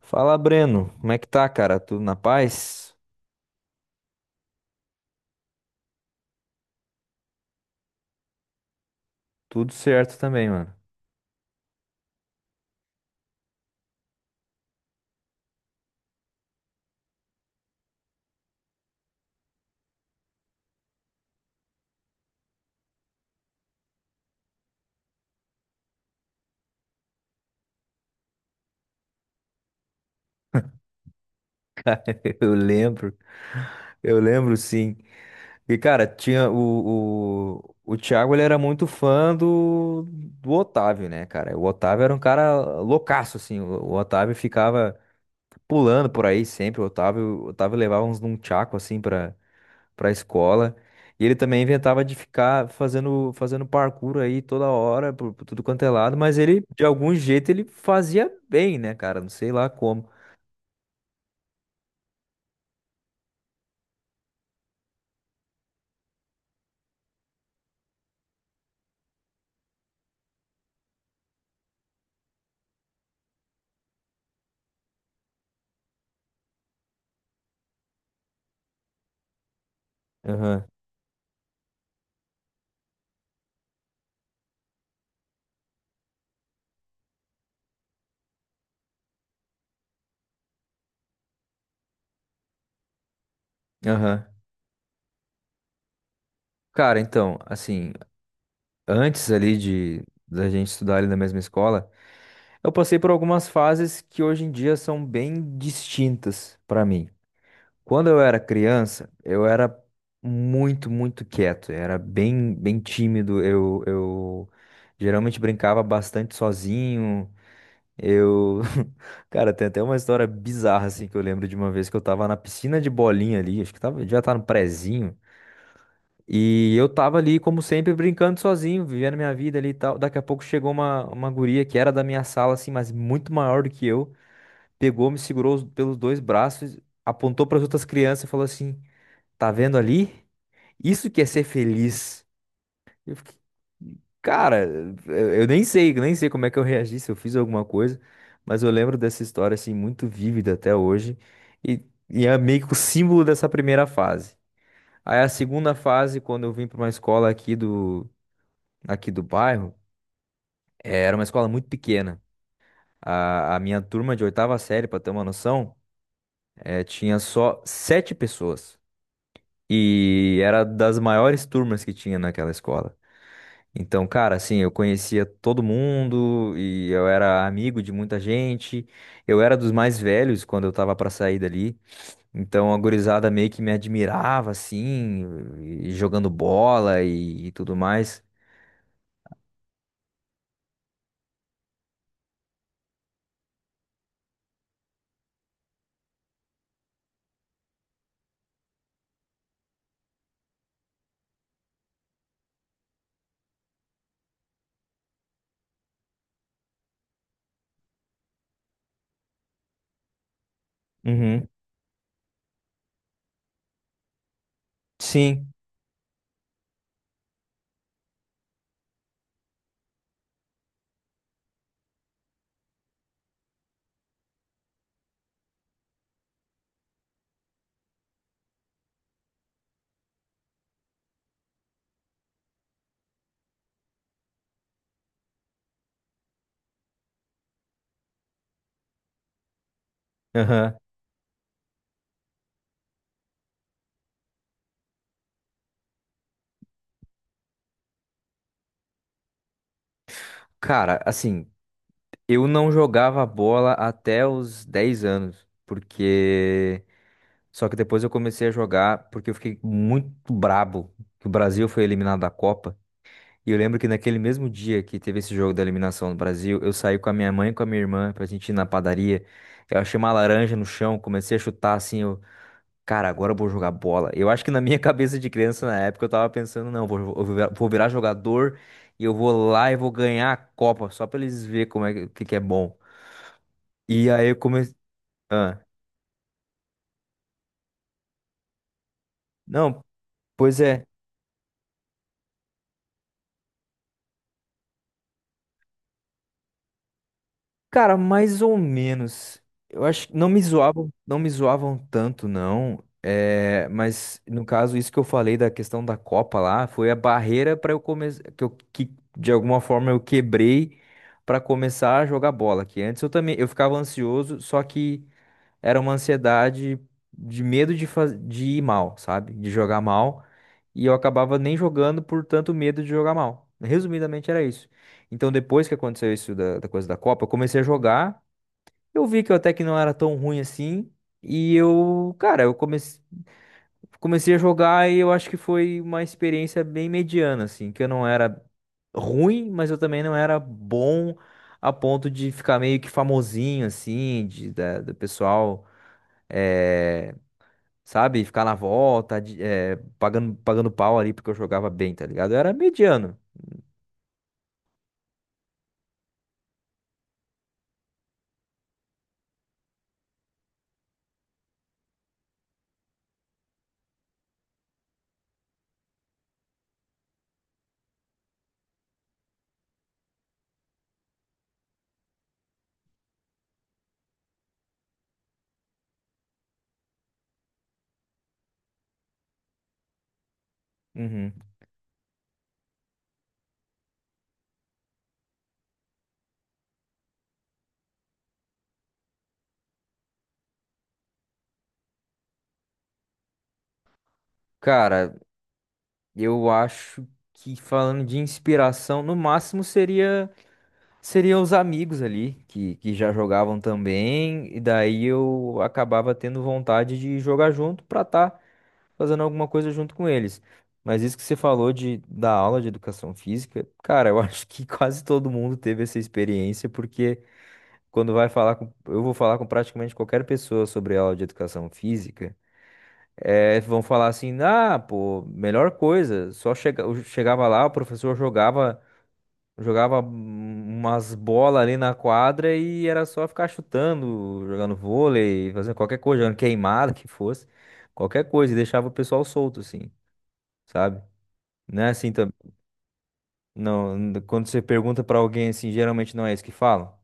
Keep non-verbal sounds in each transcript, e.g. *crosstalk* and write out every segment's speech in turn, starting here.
Fala, Breno. Como é que tá, cara? Tudo na paz? Tudo certo também, mano. *laughs* Eu lembro, eu lembro sim. E, cara, tinha o Thiago. Ele era muito fã do Otávio, né, cara? O Otávio era um cara loucaço, assim. O Otávio ficava pulando por aí sempre. O Otávio levava uns num tchaco, assim, para a escola. E ele também inventava de ficar fazendo parkour aí toda hora, por tudo quanto é lado, mas ele, de algum jeito, ele fazia bem, né, cara? Não sei lá como. Aham, aham. Cara, então, assim, antes ali de da gente estudar ali na mesma escola, eu passei por algumas fases que hoje em dia são bem distintas para mim. Quando eu era criança, eu era muito, muito quieto, eu era bem, bem tímido, eu geralmente brincava bastante sozinho, eu... *laughs* Cara, tem até uma história bizarra, assim, que eu lembro de uma vez que eu tava na piscina de bolinha ali, acho que tava, já tá no prezinho, e eu tava ali, como sempre, brincando sozinho, vivendo minha vida ali e tal. Daqui a pouco chegou uma guria que era da minha sala, assim, mas muito maior do que eu, pegou, me segurou pelos dois braços, apontou para as outras crianças e falou assim... Tá vendo ali? Isso que é ser feliz. Eu fiquei, cara, eu nem sei, eu nem sei como é que eu reagi, se eu fiz alguma coisa, mas eu lembro dessa história assim muito vívida até hoje, e, e é meio que o símbolo dessa primeira fase. Aí a segunda fase, quando eu vim para uma escola aqui do bairro, era uma escola muito pequena. A minha turma de oitava série, para ter uma noção, tinha só sete pessoas. E era das maiores turmas que tinha naquela escola. Então, cara, assim, eu conhecia todo mundo e eu era amigo de muita gente. Eu era dos mais velhos quando eu tava pra sair dali. Então, a gurizada meio que me admirava, assim, e jogando bola e tudo mais. Uhum. Sim. Aham. Cara, assim, eu não jogava bola até os 10 anos, porque. Só que depois eu comecei a jogar porque eu fiquei muito brabo que o Brasil foi eliminado da Copa. E eu lembro que naquele mesmo dia que teve esse jogo da eliminação no Brasil, eu saí com a minha mãe e com a minha irmã pra gente ir na padaria. Eu achei uma laranja no chão, comecei a chutar assim, eu, cara, agora eu vou jogar bola. Eu acho que na minha *laughs* cabeça de criança na época eu tava pensando, não, vou virar jogador, e eu vou lá e vou ganhar a Copa, só pra eles verem como é que é bom. E aí eu comecei. Ah, não, pois é. Cara, mais ou menos. Eu acho que não me zoavam, não me zoavam tanto, não. É, mas no caso, isso que eu falei da questão da Copa lá, foi a barreira para eu começar, que eu que de alguma forma eu quebrei para começar a jogar bola, que antes eu também eu ficava ansioso, só que era uma ansiedade de medo de ir mal, sabe? De jogar mal. E eu acabava nem jogando por tanto medo de jogar mal. Resumidamente era isso. Então, depois que aconteceu isso da coisa da Copa, eu comecei a jogar. Eu vi que eu até que não era tão ruim assim. E eu, cara, eu comecei a jogar e eu acho que foi uma experiência bem mediana, assim, que eu não era ruim, mas eu também não era bom a ponto de ficar meio que famosinho, assim, do pessoal. eh, sabe? Ficar na volta, pagando pau ali porque eu jogava bem, tá ligado? Eu era mediano. Uhum. Cara, eu acho que falando de inspiração, no máximo seria os amigos ali que já jogavam também, e daí eu acabava tendo vontade de jogar junto pra tá fazendo alguma coisa junto com eles. Mas isso que você falou de da aula de educação física, cara, eu *laughs* acho que quase todo mundo teve essa experiência porque quando vai falar eu vou falar com praticamente qualquer pessoa sobre aula de educação física, vão falar assim, ah, pô, melhor coisa, só chega, eu chegava lá, o professor jogava umas bolas ali na quadra e era só ficar chutando, jogando vôlei, fazendo qualquer coisa, jogando queimada que fosse, qualquer coisa, e deixava o pessoal solto, assim, sabe? Não é assim também. Não, quando você pergunta pra alguém assim, geralmente não é isso que falam.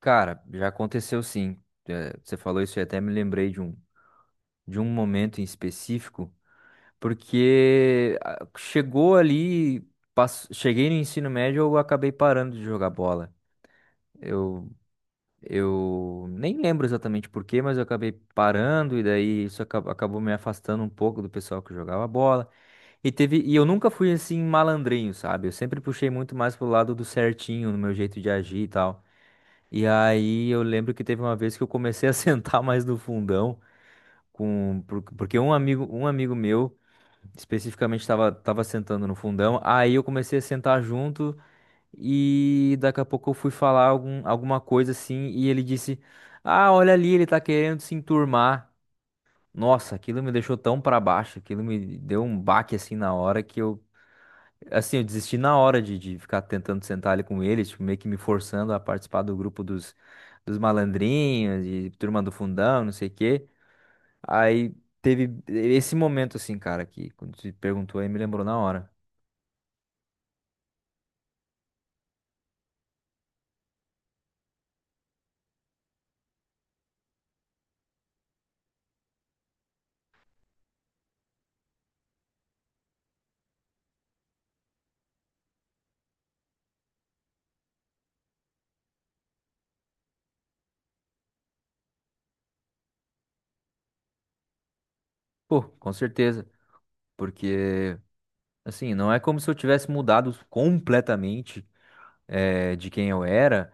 Cara, já aconteceu sim. É, você falou isso e até me lembrei de um momento em específico, porque ah, chegou ali, cheguei no ensino médio, eu acabei parando de jogar bola. Eu, eu nem lembro exatamente por quê, mas eu acabei parando e daí isso acabou me afastando um pouco do pessoal que jogava bola. E eu nunca fui assim malandrinho, sabe? Eu sempre puxei muito mais pro lado do certinho, no meu jeito de agir e tal. E aí eu lembro que teve uma vez que eu comecei a *laughs* sentar mais no fundão, porque um amigo meu especificamente estava tava tava sentando no fundão, aí eu comecei a sentar junto e daqui a pouco eu fui falar alguma coisa assim e ele disse: Ah, olha ali, ele tá querendo se enturmar. Nossa, aquilo me deixou tão pra baixo, aquilo me deu um baque assim na hora que eu... Assim, eu desisti na hora de ficar tentando sentar ali com eles, tipo, meio que me forçando a participar do grupo dos malandrinhos, de turma do fundão, não sei o quê. Aí teve esse momento, assim, cara, que quando você perguntou aí, me lembrou na hora. Pô, com certeza, porque, assim, não é como se eu tivesse mudado completamente, de quem eu era.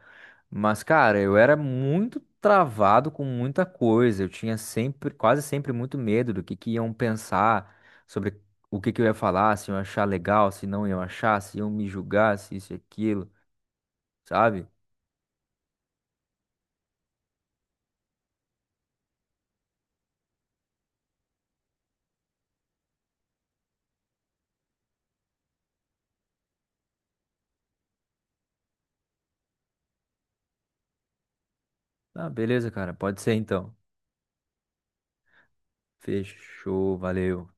Mas, cara, eu era muito travado com muita coisa. Eu tinha sempre, quase sempre muito medo do que iam pensar sobre o que que eu ia falar, se iam achar legal, se não iam achar, se iam me julgar, se isso e aquilo, sabe? Ah, beleza, cara, pode ser então. Fechou, valeu.